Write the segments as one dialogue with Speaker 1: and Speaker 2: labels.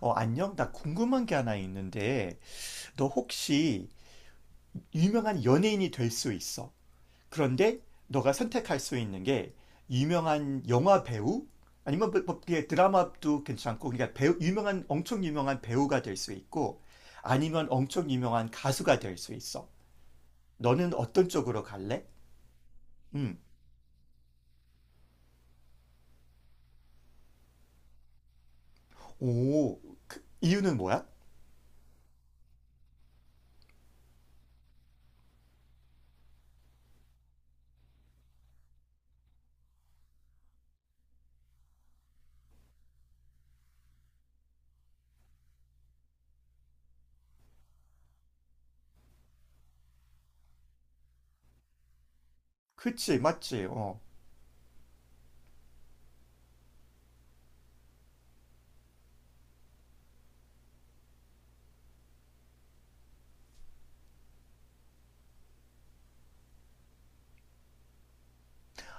Speaker 1: 안녕. 나 궁금한 게 하나 있는데, 너 혹시 유명한 연예인이 될 수 있어. 그런데 너가 선택할 수 있는 게 유명한 영화 배우? 아니면 뭐, 그게 드라마도 괜찮고, 그러니까 배우, 유명한, 엄청 유명한 배우가 될 수 있고, 아니면 엄청 유명한 가수가 될 수 있어. 너는 어떤 쪽으로 갈래? 음. 오, 그 이유는 뭐야? 그치, 맞지, 어.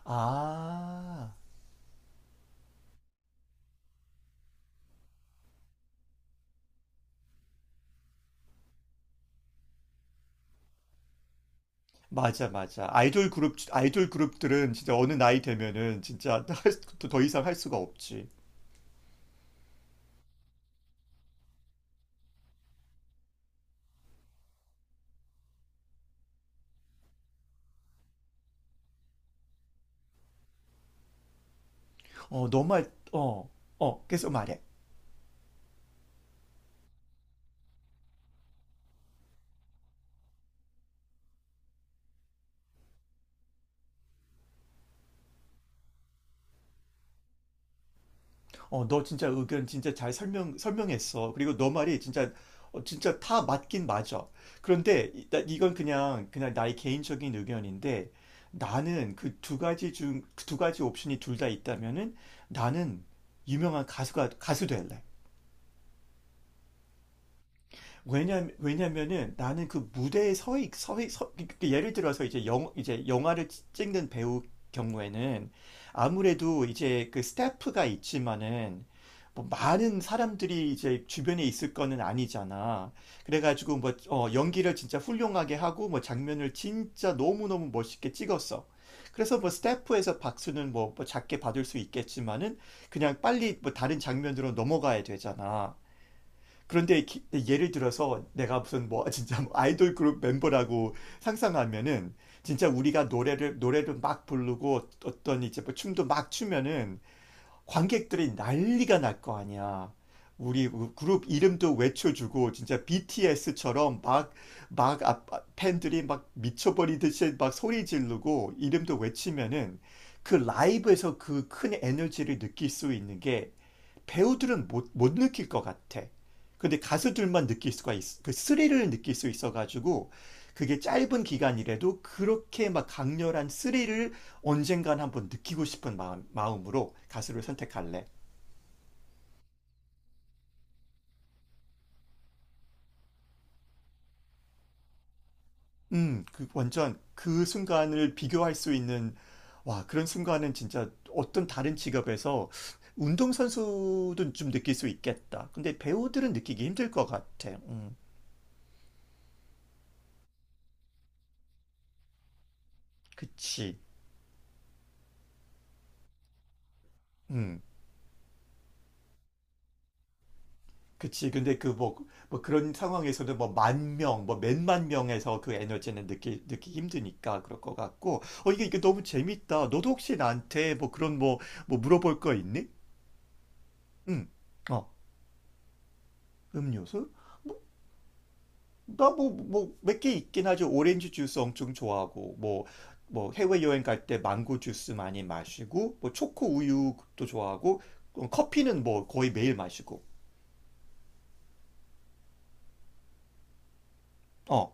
Speaker 1: 아. 맞아, 맞아. 아이돌 그룹들은 진짜 어느 나이 되면은 진짜 또더 이상 할 수가 없지. 어, 너 말, 어, 어, 계속 말해. 어, 너 진짜 의견 진짜 잘 설명했어. 그리고 너 말이 진짜, 어, 진짜 다 맞긴 맞아. 그런데 이건 그냥 나의 개인적인 의견인데 나는 그 두 가지 옵션이 둘 다 있다면은 나는 유명한 가수 될래. 왜냐면은 나는 그 무대에 서 그러니까 예를 들어서 이제 영화를 찍는 배우 경우에는 아무래도 이제 그 스태프가 있지만은 뭐 많은 사람들이 이제 주변에 있을 거는 아니잖아. 그래가지고 뭐 어, 연기를 진짜 훌륭하게 하고 뭐 장면을 진짜 너무너무 멋있게 찍었어. 그래서 뭐 스태프에서 박수는 뭐 작게 받을 수 있겠지만은 그냥 빨리 뭐 다른 장면으로 넘어가야 되잖아. 그런데 예를 들어서 내가 무슨 뭐 진짜 뭐 아이돌 그룹 멤버라고 상상하면은 진짜 우리가 노래를 막 부르고 어떤 이제 뭐 춤도 막 추면은 관객들이 난리가 날 거 아니야. 우리 그룹 이름도 외쳐주고 진짜 BTS처럼 막막 팬들이 막 미쳐버리듯이 막 소리 지르고 이름도 외치면은 그 라이브에서 그 큰 에너지를 느낄 수 있는 게 배우들은 못 느낄 것 같아. 근데 가수들만 그 스릴을 느낄 수 있어가지고 그게 짧은 기간이라도 그렇게 막 강렬한 스릴을 언젠간 한번 느끼고 싶은 마음으로 가수를 선택할래. 그 완전 그 순간을 비교할 수 있는 와, 그런 순간은 진짜 어떤 다른 직업에서 운동선수도 좀 느낄 수 있겠다. 근데 배우들은 느끼기 힘들 것 같아. 그치. 음. 그치. 근데 그 뭐, 뭐 그런 상황에서는 뭐 만 명, 뭐 몇만 명에서 그 에너지는 느끼 힘드니까 그럴 것 같고. 어, 이게 너무 재밌다. 너도 혹시 나한테 뭐 그런 뭐, 뭐 물어볼 거 있니? 응. 어, 음료수? 뭐, 나 뭐 몇 개 있긴 하죠. 오렌지 주스 엄청 좋아하고, 뭐 해외여행 갈 때 망고 주스 많이 마시고, 뭐 초코 우유도 좋아하고, 어, 커피는 뭐 거의 매일 마시고. 어.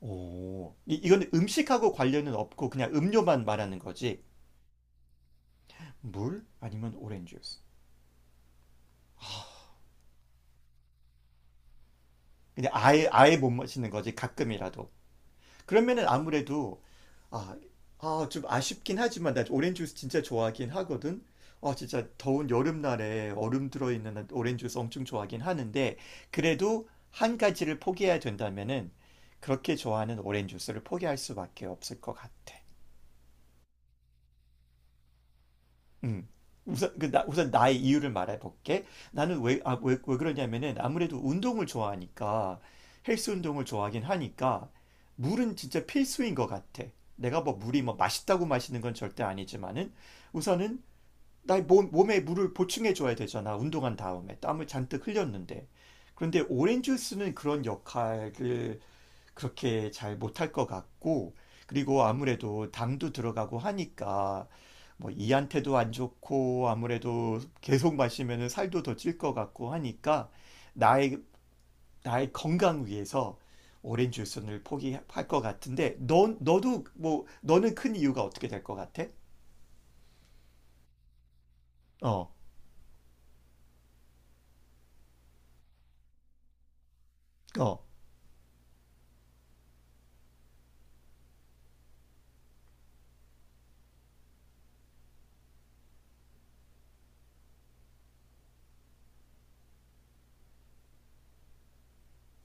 Speaker 1: 오, 이건 음식하고 관련은 없고 그냥 음료만 말하는 거지. 물 아니면 오렌지 주스. 근데 아예 못 마시는 거지 가끔이라도. 그러면은 아무래도 아, 아, 좀 아쉽긴 하지만 나 오렌지 주스 진짜 좋아하긴 하거든. 아, 진짜 더운 여름날에 얼음 들어있는 오렌지 주스 엄청 좋아하긴 하는데 그래도 한 가지를 포기해야 된다면은 그렇게 좋아하는 오렌지 주스를 포기할 수밖에 없을 것 같아. 음. 우선, 우선 나의 이유를 말해볼게. 나는 왜 그러냐면은 아무래도 운동을 좋아하니까 헬스 운동을 좋아하긴 하니까 물은 진짜 필수인 것 같아. 내가 뭐 물이 뭐 맛있다고 마시는 건 절대 아니지만은 우선은 나의 몸에 물을 보충해줘야 되잖아. 운동한 다음에 땀을 잔뜩 흘렸는데. 그런데 오렌지 주스는 그런 역할을 그렇게 잘 못할 것 같고, 그리고 아무래도 당도 들어가고 하니까, 뭐, 이한테도 안 좋고, 아무래도 계속 마시면은 살도 더 찔 것 같고 하니까, 나의, 나의 건강 위해서 오렌지 주스를 포기할 것 같은데, 너 너도 뭐, 너는 큰 이유가 어떻게 될 것 같아? 어, 어.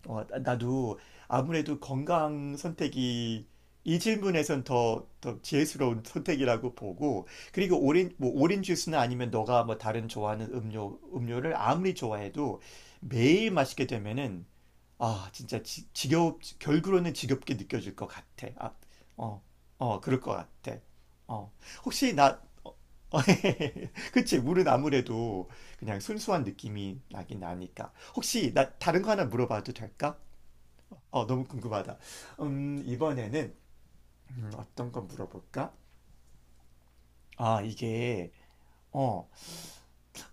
Speaker 1: 어, 나도 아무래도 건강 선택이 이 질문에선 더 지혜스러운 선택이라고 보고, 그리고 오렌지 주스나 아니면 너가 뭐 다른 좋아하는 음료를 아무리 좋아해도 매일 마시게 되면은, 아, 진짜 결국으로는 지겹게 느껴질 것 같아. 아, 어, 어, 그럴 것 같아. 어, 혹시 나, 어, 어, 그치, 물은 아무래도 그냥 순수한 느낌이 나긴 나니까. 혹시 나 다른 거 하나 물어봐도 될까? 어, 너무 궁금하다. 이번에는 어떤 거 물어볼까? 아, 이게 어,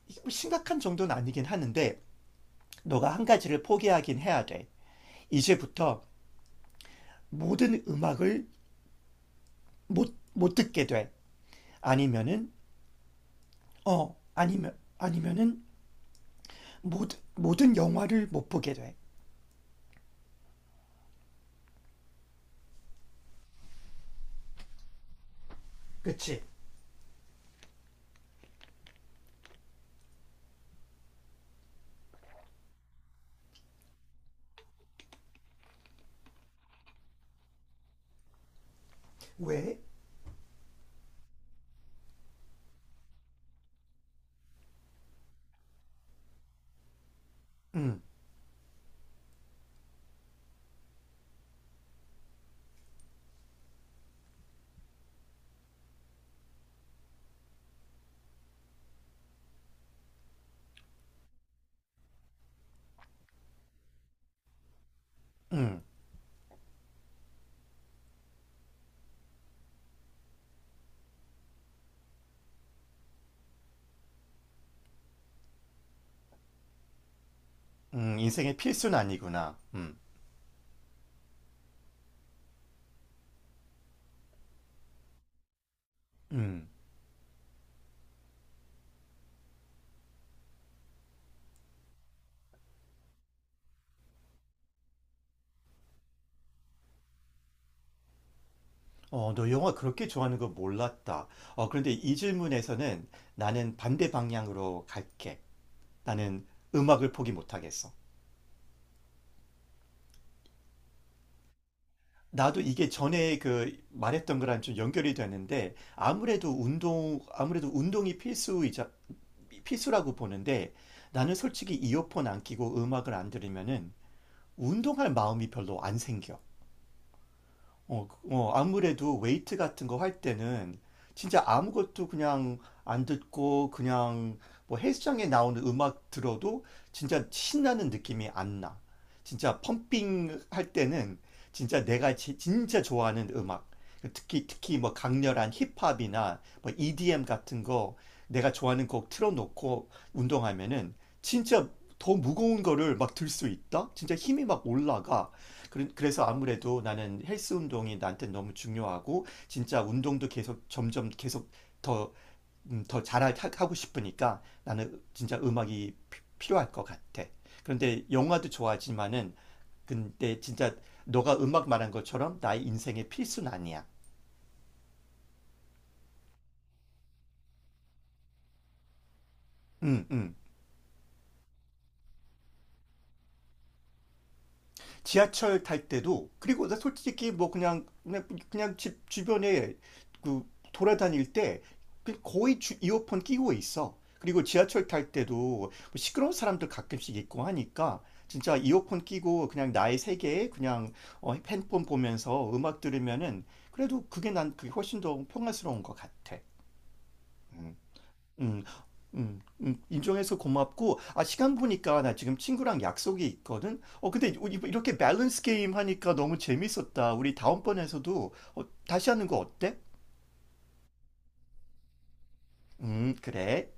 Speaker 1: 이게 뭐 심각한 정도는 아니긴 하는데 너가 한 가지를 포기하긴 해야 돼. 이제부터 모든 음악을 못 듣게 돼. 아니면은 아니면은 모든 영화를 못 보게 돼. 그치? 왜? 음, 음, 인생의 필수는 아니구나. 음. 어, 너 영화 그렇게 좋아하는 거 몰랐다. 어, 그런데 이 질문에서는 나는 반대 방향으로 갈게. 나는 음악을 포기 못하겠어. 나도 이게 전에 그 말했던 거랑 좀 연결이 되는데 아무래도 운동이 필수이자, 필수라고 보는데 나는 솔직히 이어폰 안 끼고 음악을 안 들으면은 운동할 마음이 별로 안 생겨. 어, 어, 아무래도 웨이트 같은 거 할 때는 진짜 아무것도 그냥 안 듣고 그냥 뭐 헬스장에 나오는 음악 들어도 진짜 신나는 느낌이 안 나. 진짜 펌핑 할 때는 진짜 내가 진짜 좋아하는 음악. 특히 뭐 강렬한 힙합이나 뭐 EDM 같은 거 내가 좋아하는 곡 틀어놓고 운동하면은 진짜 더 무거운 거를 막 들 수 있다? 진짜 힘이 막 올라가. 그래- 서 아무래도 나는 헬스 운동이 나한테 너무 중요하고 진짜 운동도 계속 점점 계속 더, 더 잘하고 싶으니까 나는 진짜 음악이 필요할 것 같아. 그런데 영화도 좋아하지만은 근데 진짜 너가 음악 말한 것처럼 나의 인생의 필수는 아니야. 음, 음. 지하철 탈 때도 그리고 나 솔직히 뭐 그냥 집 주변에 그 돌아다닐 때 그 거의 이어폰 끼고 있어. 그리고 지하철 탈 때도 뭐 시끄러운 사람들 가끔씩 있고 하니까 진짜 이어폰 끼고 그냥 나의 세계에 그냥 어, 핸드폰 보면서 음악 들으면은 그래도 그게 훨씬 더 평화스러운 것 같아. 음. 음, 인정해서 고맙고, 아, 시간 보니까 나 지금 친구랑 약속이 있거든? 어, 근데 이렇게 밸런스 게임 하니까 너무 재밌었다. 우리 다음번에서도 어, 다시 하는 거 어때? 그래.